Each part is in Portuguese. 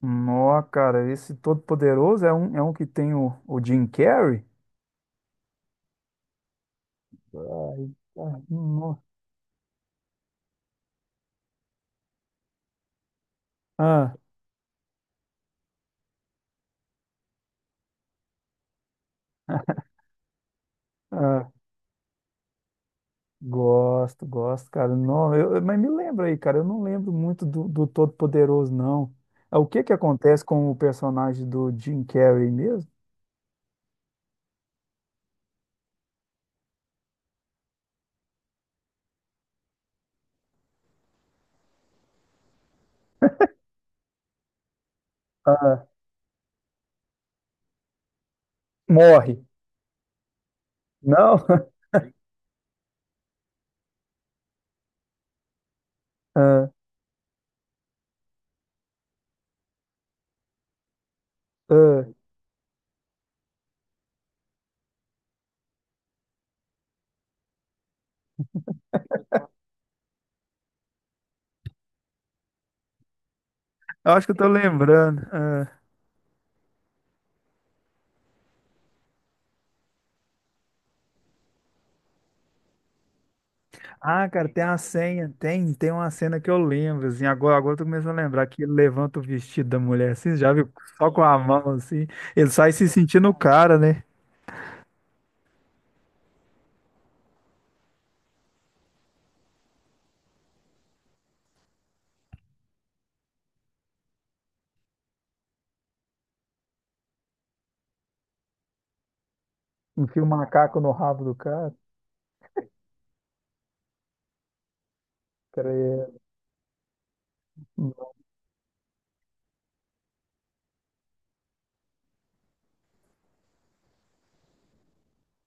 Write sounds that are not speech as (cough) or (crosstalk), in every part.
Nó, cara, esse Todo-Poderoso é um que tem o Jim Carrey? Ai, ai, nó. Ah, ah, gosto, cara. Não, mas me lembra aí, cara, eu não lembro muito do Todo-Poderoso, não. Ah, o que que acontece com o personagem do Jim Carrey mesmo? Ah, morre. Não? (laughs) Ah, ah, eu acho que eu tô lembrando. Ah, cara, tem a senha, tem, tem uma cena que eu lembro, assim, agora eu tô começando a lembrar que ele levanta o vestido da mulher, assim, já viu? Só com a mão, assim, ele sai se sentindo o cara, né? Enfia o macaco no rabo do cara, cara,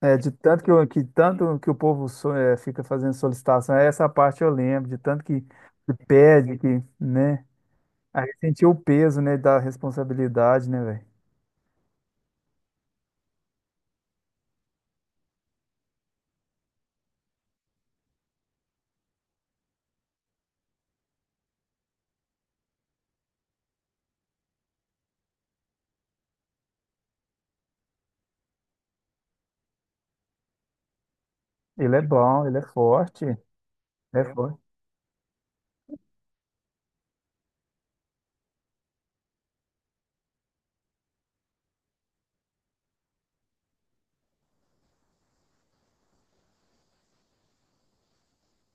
é, é, de tanto que, que tanto que o povo é, fica fazendo solicitação, é essa parte eu lembro, de tanto que pede, que, né? Aí sentiu o peso, né, da responsabilidade, né, velho? Ele é bom, ele é forte, é forte.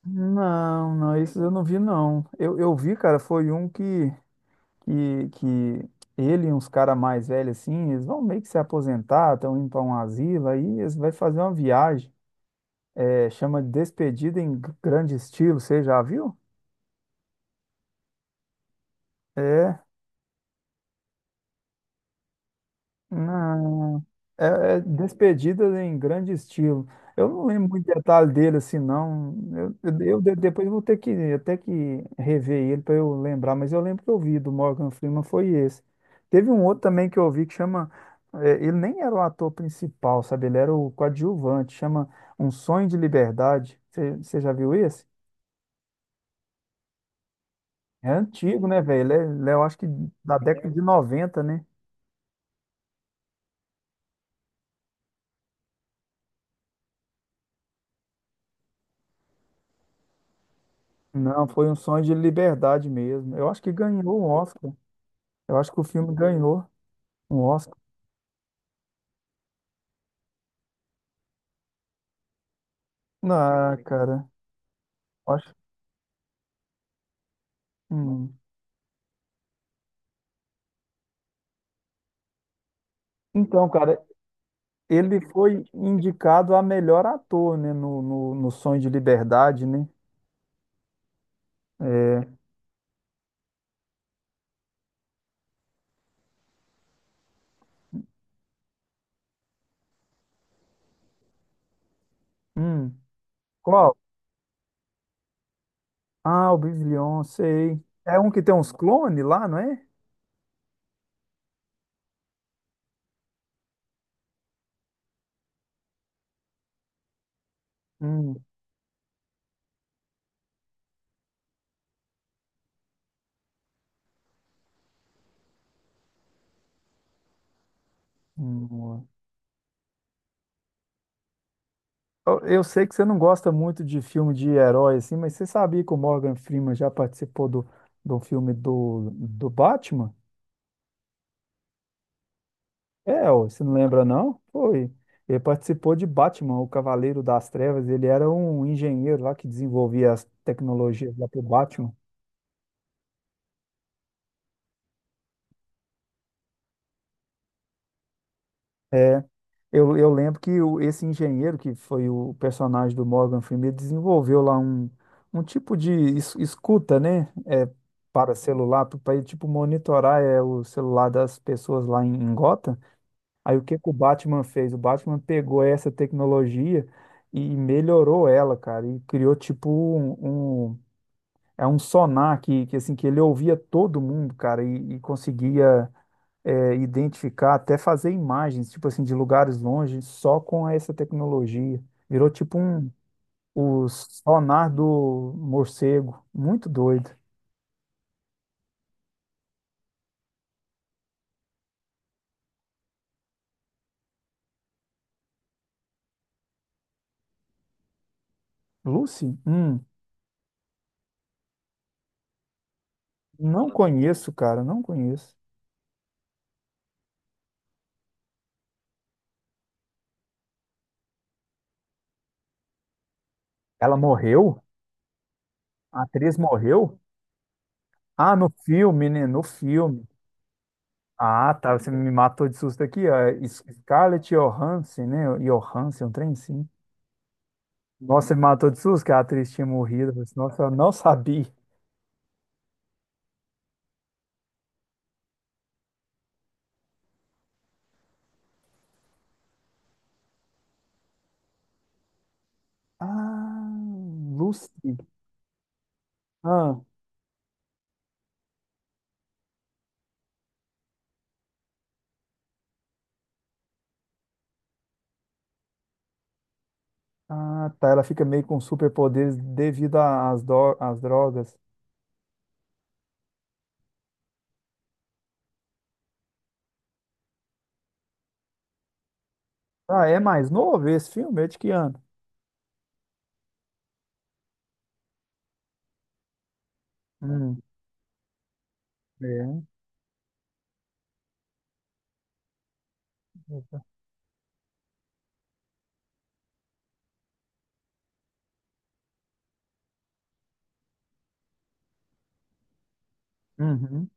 Não, não, isso eu não vi, não. Eu vi, cara, foi um que ele e uns caras mais velhos, assim, eles vão meio que se aposentar, estão indo para um asilo, aí eles vão fazer uma viagem. É, chama de Despedida em Grande Estilo, você já viu? É. Não, é, é Despedida em Grande Estilo. Eu não lembro muito detalhe dele assim, não. Eu depois vou ter que até que rever ele para eu lembrar, mas eu lembro que eu vi do Morgan Freeman foi esse. Teve um outro também que eu vi que chama, é, ele nem era o ator principal, sabe? Ele era o coadjuvante. Chama Um Sonho de Liberdade. Você já viu esse? É antigo, né, velho? Ele é, eu acho que da década de noventa, né? Não, foi Um Sonho de Liberdade mesmo. Eu acho que ganhou um Oscar. Eu acho que o filme ganhou um Oscar. Ah, cara, acho. Hum. Então, cara, ele foi indicado a melhor ator, né? No Sonho de Liberdade, né? É. Hum. Qual? Ah, o Biblion, sei. É um que tem uns clones lá, não é? Hum. Hum. Eu sei que você não gosta muito de filme de herói, assim, mas você sabia que o Morgan Freeman já participou do filme do Batman? É, ó, você não lembra, não? Foi. Ele participou de Batman, o Cavaleiro das Trevas. Ele era um engenheiro lá que desenvolvia as tecnologias lá pro Batman. É, eu lembro que esse engenheiro, que foi o personagem do Morgan Freeman, ele desenvolveu lá um, um tipo de escuta, né? É, para celular, para ele, tipo, monitorar é, o celular das pessoas lá em, em Gotham. Aí o que que o Batman fez? O Batman pegou essa tecnologia e melhorou ela, cara, e criou tipo um, é um sonar que assim que ele ouvia todo mundo, cara, e conseguia é, identificar, até fazer imagens, tipo assim, de lugares longe, só com essa tecnologia. Virou tipo um o sonar do morcego, muito doido. Lucy? Não conheço, cara, não conheço. Ela morreu? A atriz morreu? Ah, no filme, né? No filme. Ah, tá. Você me matou de susto aqui, ó. Scarlett Johansson, né? Johansson, um trem sim. Nossa, me matou de susto que a atriz tinha morrido. Eu falei assim, nossa, eu não sabia. Ah, Lucy. Ah, ah, tá. Ela fica meio com superpoderes devido às, às drogas. Ah, é mais novo esse filme? É de que ano? Hum, é. Uhum.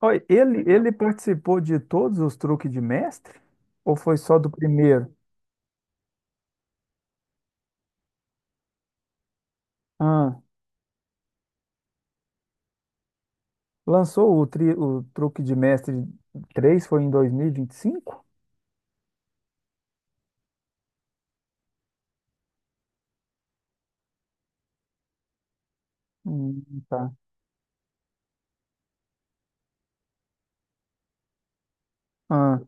Oi, ele participou de todos os Truques de Mestre? Ou foi só do primeiro? Ah. Lançou o, tri, o Truque de Mestre 3 foi em 2025? Hum, tá. Ah,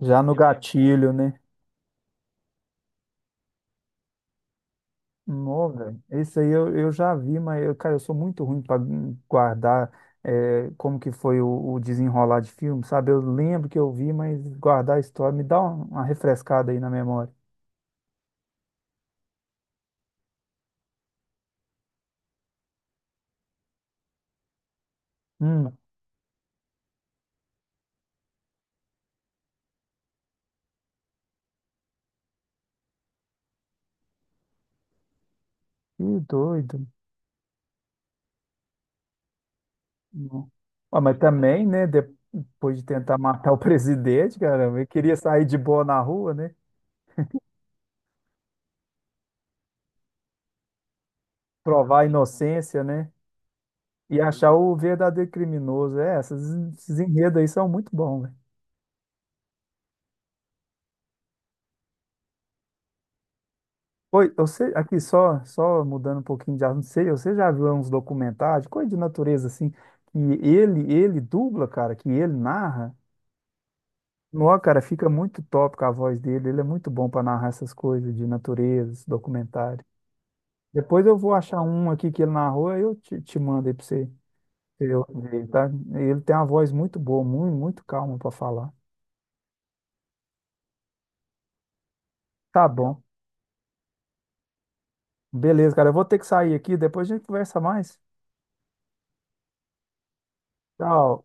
já no gatilho, né? Não, velho. Esse aí eu já vi, mas, eu, cara, eu sou muito ruim para guardar é, como que foi o desenrolar de filme, sabe? Eu lembro que eu vi, mas guardar a história, me dá uma refrescada aí na memória. Hum, que doido. Não. Ah, mas também, né? Depois de tentar matar o (laughs) presidente, cara, eu queria sair de boa na rua, né? Provar a inocência, né? E achar o verdadeiro criminoso. É, essas, esses enredos aí são muito bons, velho. Oi, você, aqui só, só mudando um pouquinho de assunto, sei, você já viu uns documentários, coisa de natureza assim, que ele dubla, cara, que ele narra? Nó, cara, fica muito top com a voz dele, ele é muito bom pra narrar essas coisas de natureza, esse documentário. Depois eu vou achar um aqui que ele narrou, aí eu te, te mando aí pra você. Pra você ouvir, tá? Ele tem uma voz muito boa, muito, muito calma pra falar. Tá bom. Beleza, cara. Eu vou ter que sair aqui, depois a gente conversa mais. Tchau.